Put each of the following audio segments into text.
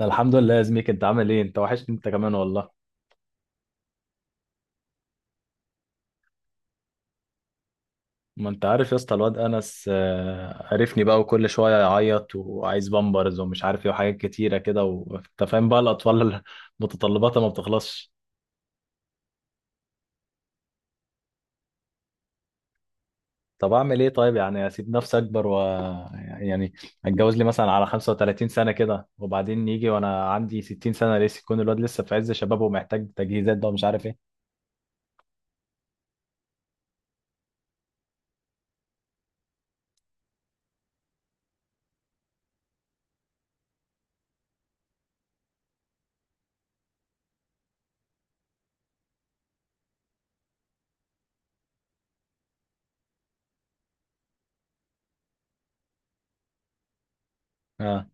انا الحمد لله يا زميك، انت عامل ايه؟ انت وحشني انت كمان والله. ما انت عارف يا اسطى، الواد انس عرفني بقى، وكل شويه يعيط وعايز بامبرز ومش عارف ايه وحاجات كتيره كده، وانت فاهم بقى الاطفال متطلباتها ما بتخلصش. طب اعمل ايه طيب؟ يعني اسيب نفسي اكبر و يعني اتجوز لي مثلا على 35 سنه كده، وبعدين يجي وانا عندي 60 سنه لسه، يكون الواد لسه في عز شبابه ومحتاج تجهيزات بقى ومش عارف ايه. آه.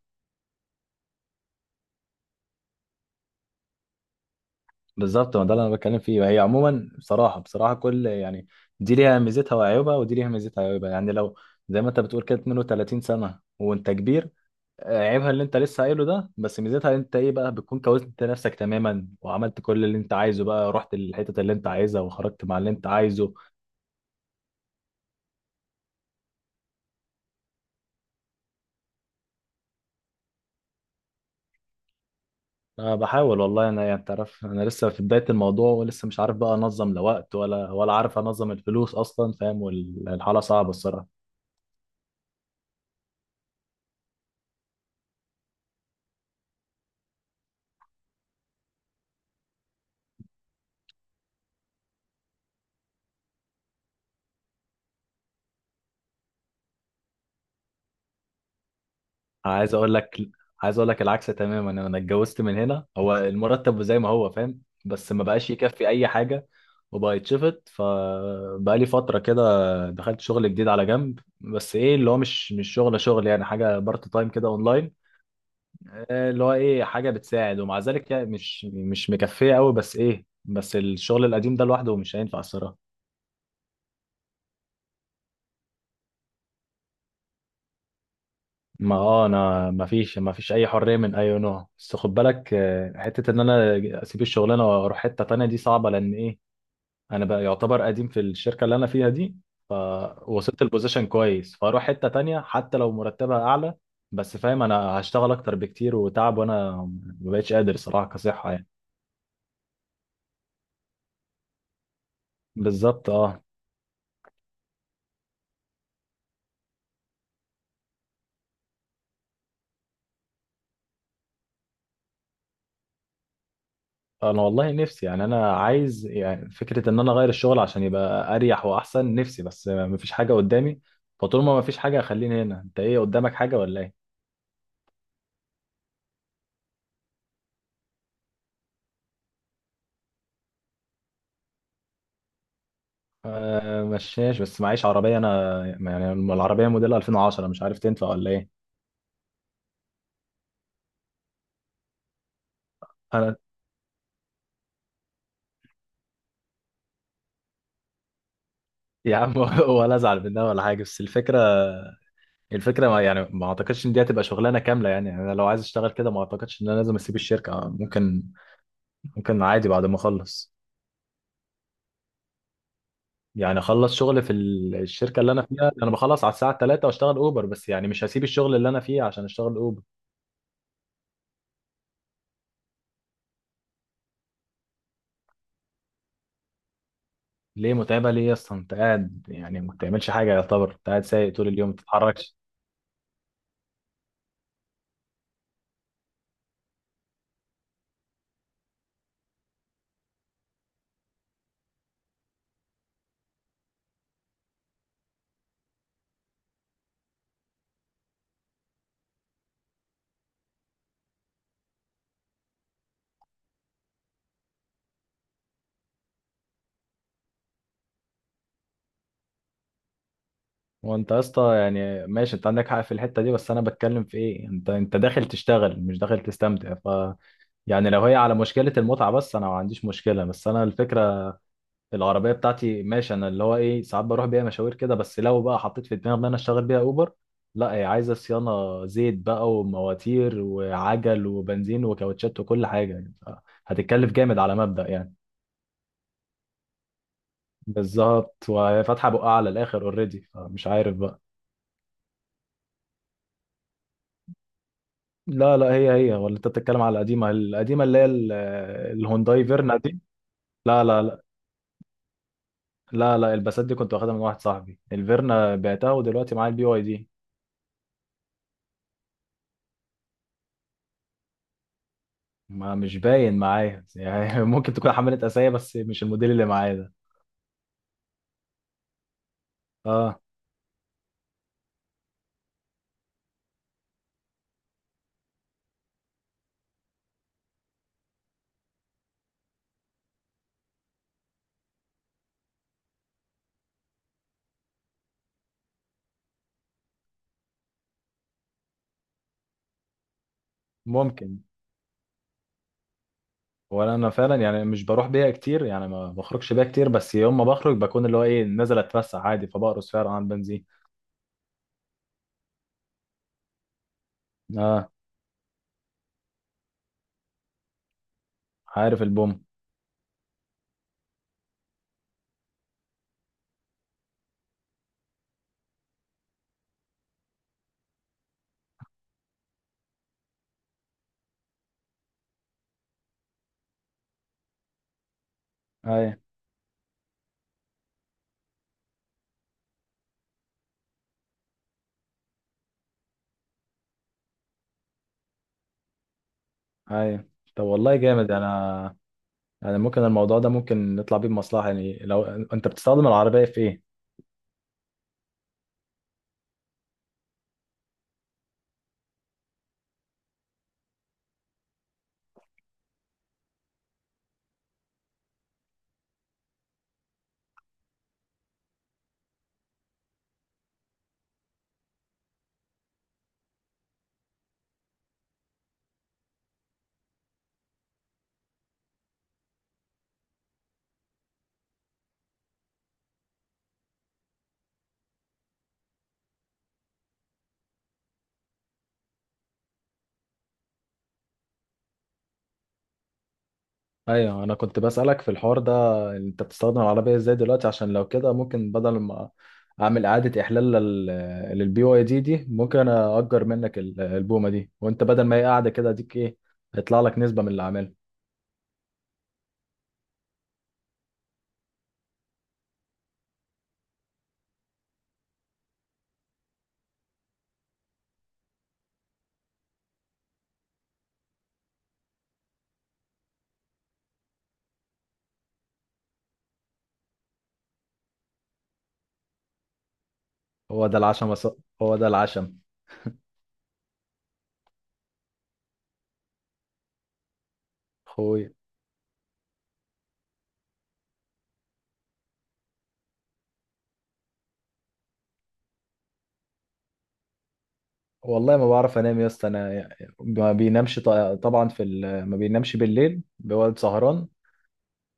بالظبط، ما ده اللي انا بتكلم فيه. هي عموما بصراحه بصراحه كل يعني دي ليها ميزتها وعيوبها ودي ليها ميزتها وعيوبها، يعني لو زي ما انت بتقول كده 32 سنه وانت كبير. عيبها اللي انت لسه قايله ده، بس ميزتها انت ايه بقى؟ بتكون كوزت نفسك تماما وعملت كل اللي انت عايزه بقى، رحت للحتت اللي انت عايزها وخرجت مع اللي انت عايزه. انا بحاول والله. انا يعني تعرف، انا لسه في بدايه الموضوع، ولسه مش عارف بقى انظم لا وقت ولا عارف انظم الفلوس اصلا، فاهم؟ والحاله صعبه الصراحه. عايز اقول لك عايز اقول لك العكس تماما. انا اتجوزت من هنا، هو المرتب زي ما هو فاهم بس ما بقاش يكفي اي حاجه وبقى يتشفط. فبقى لي فتره كده دخلت شغل جديد على جنب، بس ايه اللي هو مش شغل شغل يعني، حاجه بارت تايم كده اونلاين. اللي هو ايه حاجه بتساعد ومع ذلك يعني مش مكفيه قوي، بس ايه بس الشغل القديم ده لوحده مش هينفع الصراحه. ما انا ما فيش اي حريه من اي نوع، بس خد بالك حته ان انا اسيب الشغلانه واروح حته تانية دي صعبه، لان ايه؟ انا بقى يعتبر قديم في الشركه اللي انا فيها دي، فوصلت البوزيشن كويس، فاروح حته تانية حتى لو مرتبها اعلى، بس فاهم انا هشتغل اكتر بكتير وتعب، وانا ما بقتش قادر صراحه كصحه يعني. بالظبط اه. انا والله نفسي يعني، انا عايز يعني فكره ان انا اغير الشغل عشان يبقى اريح واحسن نفسي، بس مفيش حاجه قدامي. فطول ما مفيش حاجه خليني هنا. انت ايه، قدامك حاجه ولا ايه؟ آه، مشاش بس معيش عربيه. انا يعني العربيه موديل 2010 مش عارف تنفع ولا ايه. انا يا عم ولا ازعل منها ولا حاجه، بس الفكره. ما يعني، ما اعتقدش ان دي هتبقى شغلانه كامله. يعني انا لو عايز اشتغل كده ما اعتقدش ان انا لازم اسيب الشركه، ممكن عادي بعد ما اخلص. يعني اخلص شغل في الشركه اللي انا فيها، انا بخلص على الساعه 3 واشتغل اوبر، بس يعني مش هسيب الشغل اللي انا فيه عشان اشتغل اوبر. ليه متعبه ليه يا اسطى؟ انت قاعد يعني ما بتعملش حاجه، يعتبر انت قاعد سايق طول اليوم ما بتتحركش. وانت يا اسطى يعني ماشي، انت عندك حق في الحته دي، بس انا بتكلم في ايه؟ انت داخل تشتغل مش داخل تستمتع، ف يعني لو هي على مشكله المتعه بس انا ما عنديش مشكله، بس انا الفكره. العربيه بتاعتي ماشي، انا اللي هو ايه ساعات بروح بيها مشاوير كده، بس لو بقى حطيت في دماغي ان انا اشتغل بيها اوبر، لا هي عايزه صيانه زيت بقى ومواتير وعجل وبنزين وكاوتشات وكل حاجه يعني، هتتكلف جامد على مبدأ يعني. بالظبط، وهي فاتحه بقها على الاخر اوريدي، فمش عارف بقى. لا لا، هي هي، ولا انت بتتكلم على القديمه القديمه اللي هي الهونداي فيرنا دي؟ لا لا لا. لا لا، الباسات دي كنت واخدها من واحد صاحبي، الفيرنا بعتها ودلوقتي معايا البي واي دي. ما مش باين معايا يعني ممكن تكون حملت اسايا بس مش الموديل اللي معايا ده. اه، ممكن. ولا انا فعلا يعني مش بروح بيها كتير يعني، ما بخرجش بيها كتير، بس يوم ما بخرج بكون اللي هو ايه نازل اتفسح عادي، فبقرص فعلا عن بنزين. اه. عارف البوم. اي اي. طب والله جامد انا. يعني ممكن الموضوع ده ممكن نطلع بيه بمصلحة، يعني لو انت بتستخدم العربية في ايه؟ ايوه، انا كنت بسألك في الحوار ده، انت بتستخدم العربية ازاي دلوقتي؟ عشان لو كده ممكن بدل ما اعمل اعادة احلال للبي واي دي دي، ممكن اجر منك البومة دي. وانت بدل ما هي قاعدة كده، اديك ايه؟ هيطلع لك نسبة من اللي عاملها. هو ده العشم يا ص- هو ده العشم، اخويا. والله ما بعرف انام يا اسطى. انا ما بينامش طبعا، ما بينامش بالليل، بيقعد سهران.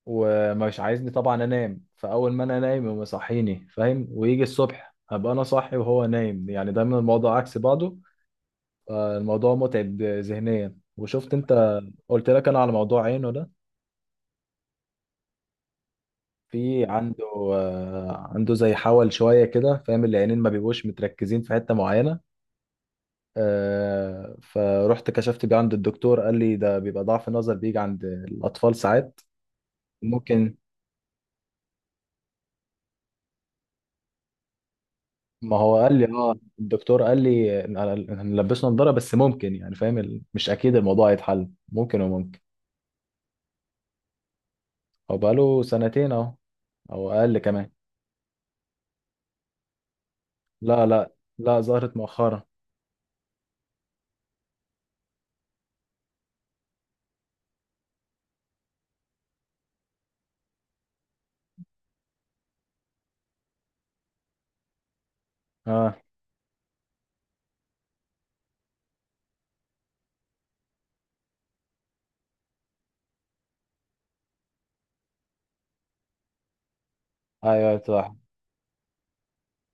ومش عايزني طبعا انام، فاول ما انا نايم يقوم يصحيني، فاهم؟ ويجي الصبح هبقى انا صاحي وهو نايم، يعني دايما الموضوع عكس بعضه. فالموضوع متعب ذهنيا. وشفت انت، قلت لك انا على موضوع عينه ده. في عنده آه، عنده زي حول شويه كده، فاهم؟ العينين ما بيبقوش متركزين في حته معينه. فرحت كشفت بيه عند الدكتور، قال لي ده بيبقى ضعف نظر بيجي عند الاطفال ساعات. ممكن. ما هو قال لي الدكتور قال لي هنلبسه نضاره، بس ممكن يعني فاهم مش اكيد الموضوع هيتحل، ممكن وممكن. هو بقاله سنتين اهو، او اقل كمان. لا لا لا. ظهرت مؤخرا. اه. ايوه أيوه، صح.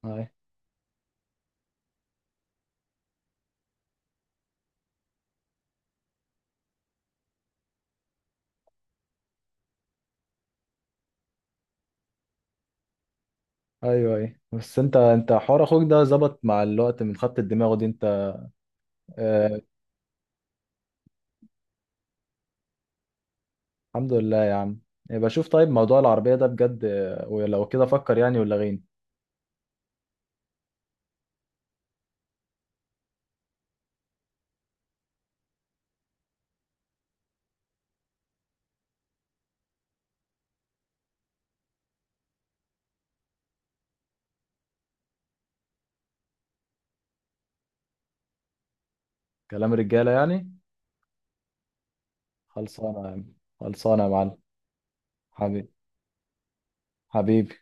ايوه ايوه ايوه. بس انت حوار اخوك ده ظبط مع الوقت من خط الدماغ دي انت؟ آه. الحمد لله يا عم. يبقى شوف طيب، موضوع العربية ده بجد ولو كده فكر يعني، ولا غيني. كلام رجالة يعني. خلصانة يا عم. خلصانة يا معلم. حبيبي. حبيبي.